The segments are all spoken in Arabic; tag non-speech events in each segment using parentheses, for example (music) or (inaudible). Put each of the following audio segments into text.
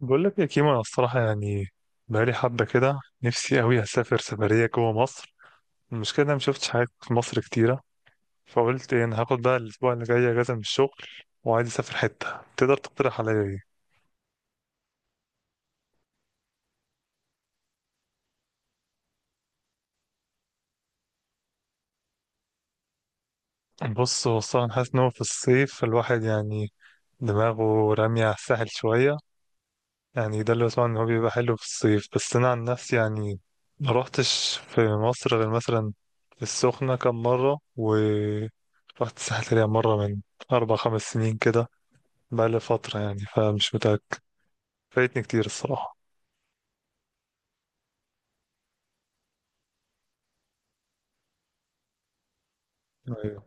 بقول لك يا كيمو، انا الصراحه يعني بقالي حبه كده نفسي قوي اسافر سفريه جوه مصر. المشكله إن انا مشفتش حاجات في مصر كتيره. فقلت إيه، انا هاخد بقى الاسبوع اللي جاي اجازه من الشغل، وعايز اسافر حته تقدر تقترح عليا. ايه، بص، هو الصراحه أنا حاسس ان هو في الصيف الواحد يعني دماغه راميه على الساحل شويه. يعني ده اللي بسمعه، ان هو بيبقى حلو في الصيف، بس انا عن نفسي يعني ما روحتش في مصر غير مثلا السخنة كم مرة، و رحت الساحل يعني مرة من 4 5 سنين كده. بقالي فترة يعني فمش متأكد. فايتني كتير الصراحة. أيوة.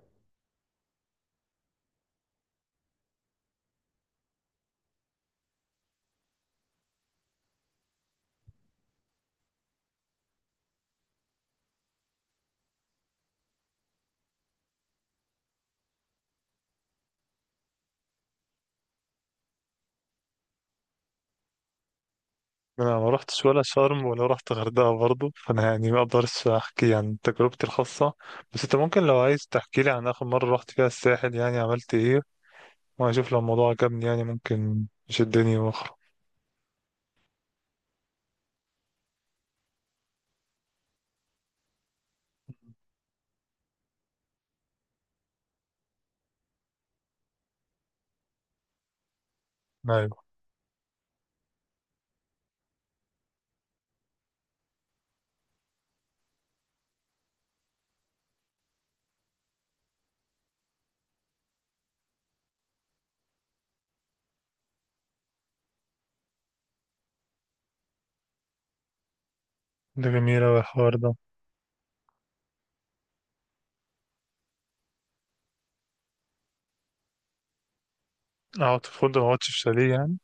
أنا ما روحتش ولا شرم ولا روحت غردقة برضه، فأنا يعني ما أقدرش أحكي عن تجربتي الخاصة. بس أنت ممكن لو عايز تحكي لي عن آخر مرة روحت فيها الساحل، يعني عملت إيه، وأشوف لو الموضوع عجبني يعني ممكن يشدني وأخرج. أيوة. ده جميل أوي الحوار ده. أقعد في فندق ما أقعدش في شاليه يعني؟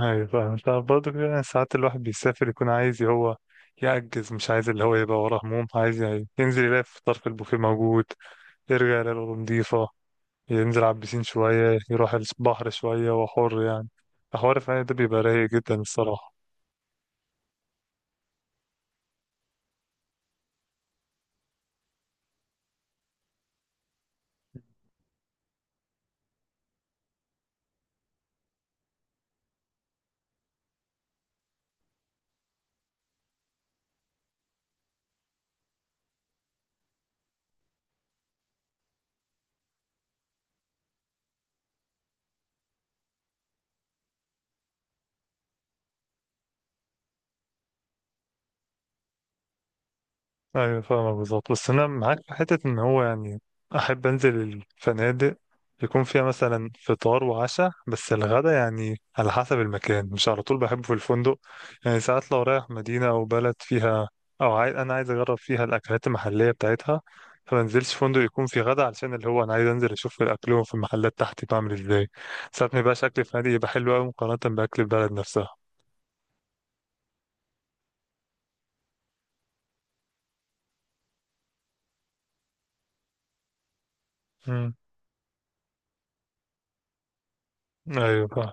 أيوة فاهم. أنت برضه كده يعني ساعات الواحد بيسافر يكون عايز هو يعجز، مش عايز اللي هو يبقى وراه هموم، عايز يعني ينزل يلاقي في طرف البوفيه موجود، يرجع يلاقي الأوضة نضيفة، ينزل على البسين شوية، يروح البحر شوية وحر يعني. الحوار فعلا ده بيبقى رايق جدا الصراحة. ايوه فاهمك بالظبط، بس انا معاك في حته ان هو يعني احب انزل الفنادق يكون فيها مثلا فطار وعشاء، بس الغدا يعني على حسب المكان، مش على طول بحبه في الفندق. يعني ساعات لو رايح مدينه او بلد فيها، او عايز، انا عايز اجرب فيها الاكلات المحليه بتاعتها، فما انزلش فندق يكون فيه غدا، علشان اللي هو انا عايز انزل اشوف الاكل في المحلات تحت بعمل ازاي. ساعات ما يبقاش اكل فنادق يبقى حلو قوي مقارنه باكل البلد نفسها. امم. ايوه فاهم.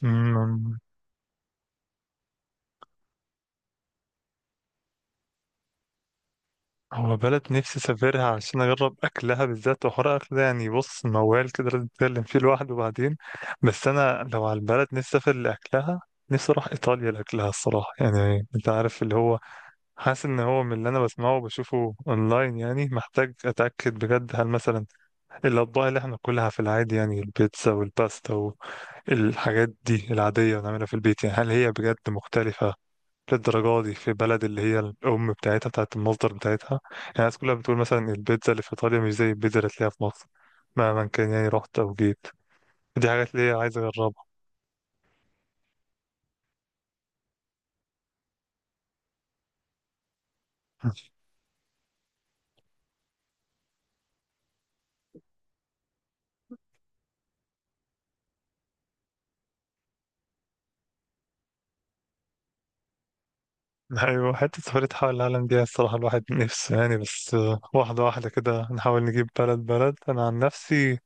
مم. هو بلد نفسي اسافرها عشان اجرب اكلها بالذات، وحوار اكل ده يعني بص موال كده لازم نتكلم فيه لوحده بعدين. بس انا لو على البلد نفسي اسافر لاكلها، نفسي اروح ايطاليا لاكلها الصراحه. يعني انت عارف اللي هو حاسس ان هو من اللي انا بسمعه وبشوفه اونلاين، يعني محتاج اتاكد بجد. هل مثلا الاطباق اللي احنا بناكلها في العادي، يعني البيتزا والباستا والحاجات دي العاديه ونعملها في البيت، يعني هل هي بجد مختلفه للدرجة دي في بلد اللي هي الأم بتاعتها بتاعت المصدر بتاعتها؟ يعني الناس كلها بتقول مثلا البيتزا اللي في إيطاليا مش زي البيتزا اللي تلاقيها في مصر مهما كان، يعني رحت أو جيت. دي حاجات اللي هي عايز أجربها. (laughs) أيوة، حتة سفرية حول العالم دي الصراحة الواحد نفسه يعني، بس واحدة واحدة كده نحاول نجيب بلد بلد. أنا عن نفسي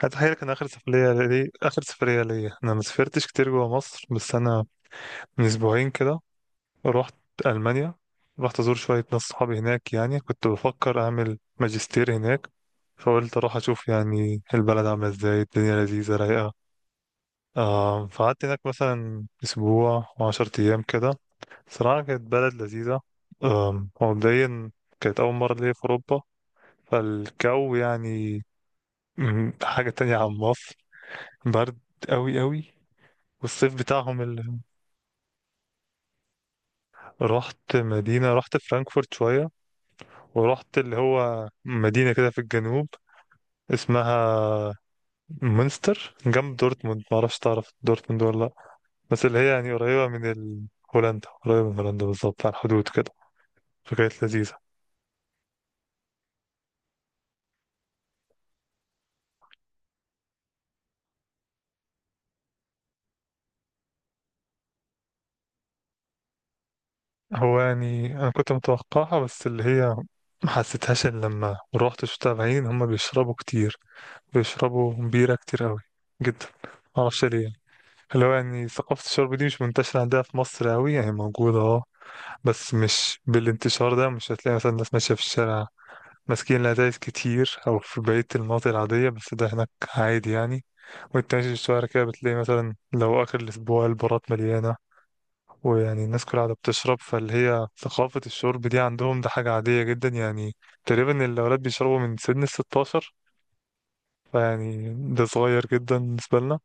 هتخيل، كان آخر سفرية ليا. أنا ما سافرتش كتير جوا مصر، بس أنا من أسبوعين كده رحت ألمانيا. رحت أزور شوية ناس صحابي هناك، يعني كنت بفكر أعمل ماجستير هناك، فقلت أروح أشوف يعني البلد عاملة إزاي. الدنيا لذيذة رايقة. آه فقعدت هناك مثلا أسبوع وعشرة أيام كده. صراحة كانت بلد لذيذة. هو مبدئيا كانت أول مرة ليا في أوروبا، فالجو يعني، حاجة تانية عن مصر. برد أوي أوي. والصيف بتاعهم اللي، رحت مدينة، رحت فرانكفورت شوية، ورحت اللي هو مدينة كده في الجنوب اسمها مونستر جنب دورتموند. معرفش تعرف دورتموند ولا لأ، بس اللي هي يعني قريبة من هولندا. قريبة من هولندا بالظبط على الحدود كده. فكانت لذيذة. هو يعني أنا كنت متوقعها بس اللي هي ما حسيتهاش إلا لما روحت شفتها بعينين هما بيشربوا كتير، بيشربوا بيرة كتير أوي جدا. معرفش ليه يعني. اللي هو يعني ثقافة الشرب دي مش منتشرة عندها في مصر أوي، يعني موجودة اه، بس مش بالانتشار ده. مش هتلاقي مثلا ناس ماشية في الشارع ماسكين الأتايس كتير أو في بقية المناطق العادية، بس ده هناك عادي يعني. وانت ماشي في الشوارع كده بتلاقي مثلا لو آخر الأسبوع البارات مليانة، ويعني الناس كلها قاعدة بتشرب. فاللي هي ثقافة الشرب دي عندهم ده حاجة عادية جدا يعني. تقريبا الأولاد بيشربوا من سن 16، فيعني ده صغير جدا بالنسبة لنا.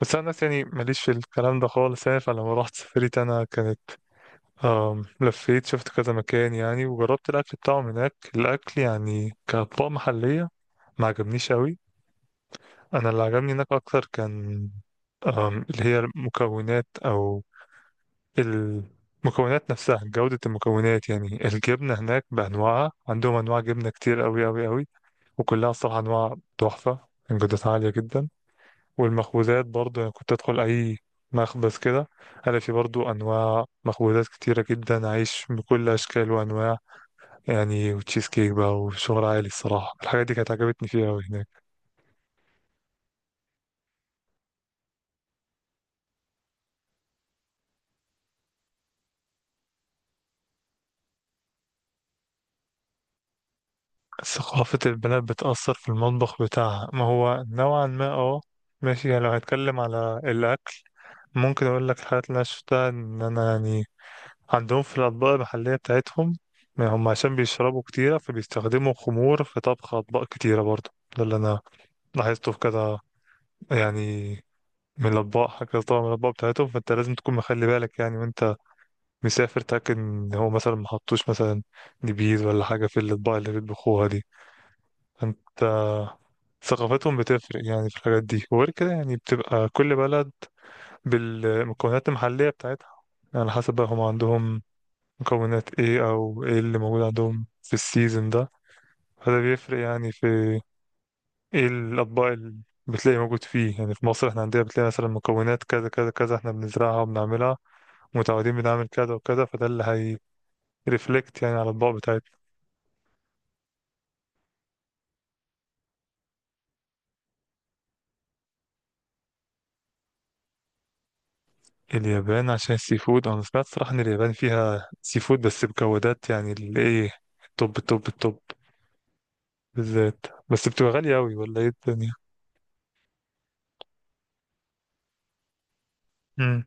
بس أنا الناس يعني ماليش في الكلام ده خالص. يعني فلما رحت سافرت أنا كانت، لفيت شفت كذا مكان، يعني وجربت الأكل بتاعهم هناك. الأكل يعني كأطباق محلية ما عجبنيش أوي. أنا اللي عجبني هناك أكتر كان اللي هي المكونات، أو المكونات نفسها، جودة المكونات. يعني الجبنة هناك بأنواعها، عندهم أنواع جبنة كتير أوي أوي أوي، وكلها الصراحة أنواع تحفة كان جودتها عالية جدا. والمخبوزات برضه، يعني كنت أدخل أي مخبز كده ألاقي في برضه أنواع مخبوزات كتيرة جدا، عيش بكل أشكال وأنواع يعني، وتشيز كيك بقى وشغل عالي الصراحة. الحاجات دي كانت عجبتني فيها أوي هناك. ثقافة البنات بتأثر في المطبخ بتاعها، ما هو نوعا ما اه ماشي. يعني لو هنتكلم على الأكل، ممكن أقول لك الحاجات اللي أنا شفتها. إن أنا يعني عندهم في الأطباق المحلية بتاعتهم، ما هم عشان بيشربوا كتيرة فبيستخدموا خمور في طبخ أطباق كتيرة برضه. ده اللي أنا لاحظته في كذا يعني، من الأطباق كذا طبعا، من الأطباق بتاعتهم. فأنت لازم تكون مخلي بالك يعني وأنت مسافر، تاكد ان هو مثلا ما حطوش مثلا نبيذ ولا حاجه في الاطباق اللي بيطبخوها دي. فانت، ثقافتهم بتفرق يعني في الحاجات دي. وغير كده يعني بتبقى كل بلد بالمكونات المحليه بتاعتها، يعني على حسب بقى هم عندهم مكونات ايه، او ايه اللي موجود عندهم في السيزون ده، فده بيفرق يعني في ايه الاطباق اللي بتلاقي موجود فيه. يعني في مصر احنا عندنا بتلاقي مثلا مكونات كذا كذا كذا، احنا بنزرعها وبنعملها، متعودين بنعمل كذا وكذا، فده اللي هي ريفلكت يعني على الاطباق بتاعتنا. اليابان عشان السي فود، انا سمعت صراحة ان اليابان فيها سي فود، بس بجودات يعني اللي ايه توب توب توب، بالذات. بس بتبقى غالية اوي ولا ايه الدنيا؟ امم.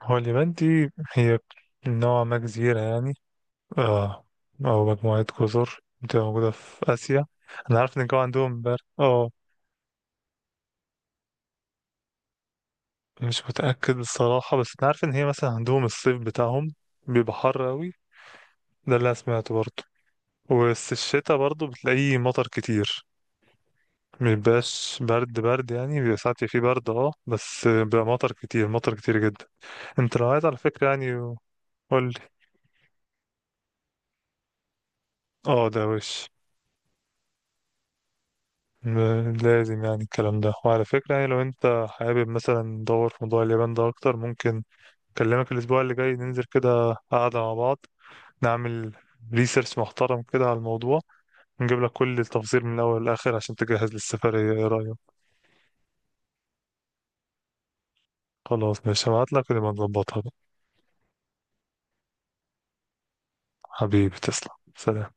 هو اليابان دي هي نوع ما جزيرة يعني، اه، او مجموعة جزر بتبقى موجودة في اسيا. انا عارف ان الجو عندهم بارد اه. مش متأكد الصراحة، بس انا عارف ان هي مثلا عندهم الصيف بتاعهم بيبقى حر اوي. ده اللي انا سمعته برضه. بس الشتا برضه بتلاقيه مطر كتير، مبيبقاش برد برد يعني، بيبقى ساعات فيه برد اه، بس بيبقى مطر كتير مطر كتير جدا. انت لو عايز على فكرة يعني، قولي، اه ده وش لازم يعني الكلام ده. وعلى فكرة يعني لو انت حابب مثلا ندور في موضوع اليابان ده اكتر، ممكن اكلمك الاسبوع اللي جاي ننزل كده قعدة مع بعض، نعمل ريسيرش محترم كده على الموضوع، نجيب لك كل التفاصيل من الاول للاخر عشان تجهز للسفرية. ايه رأيك؟ خلاص ماشي، هبعت لك ونبقى نظبطها بقى. حبيبي تسلم. سلام.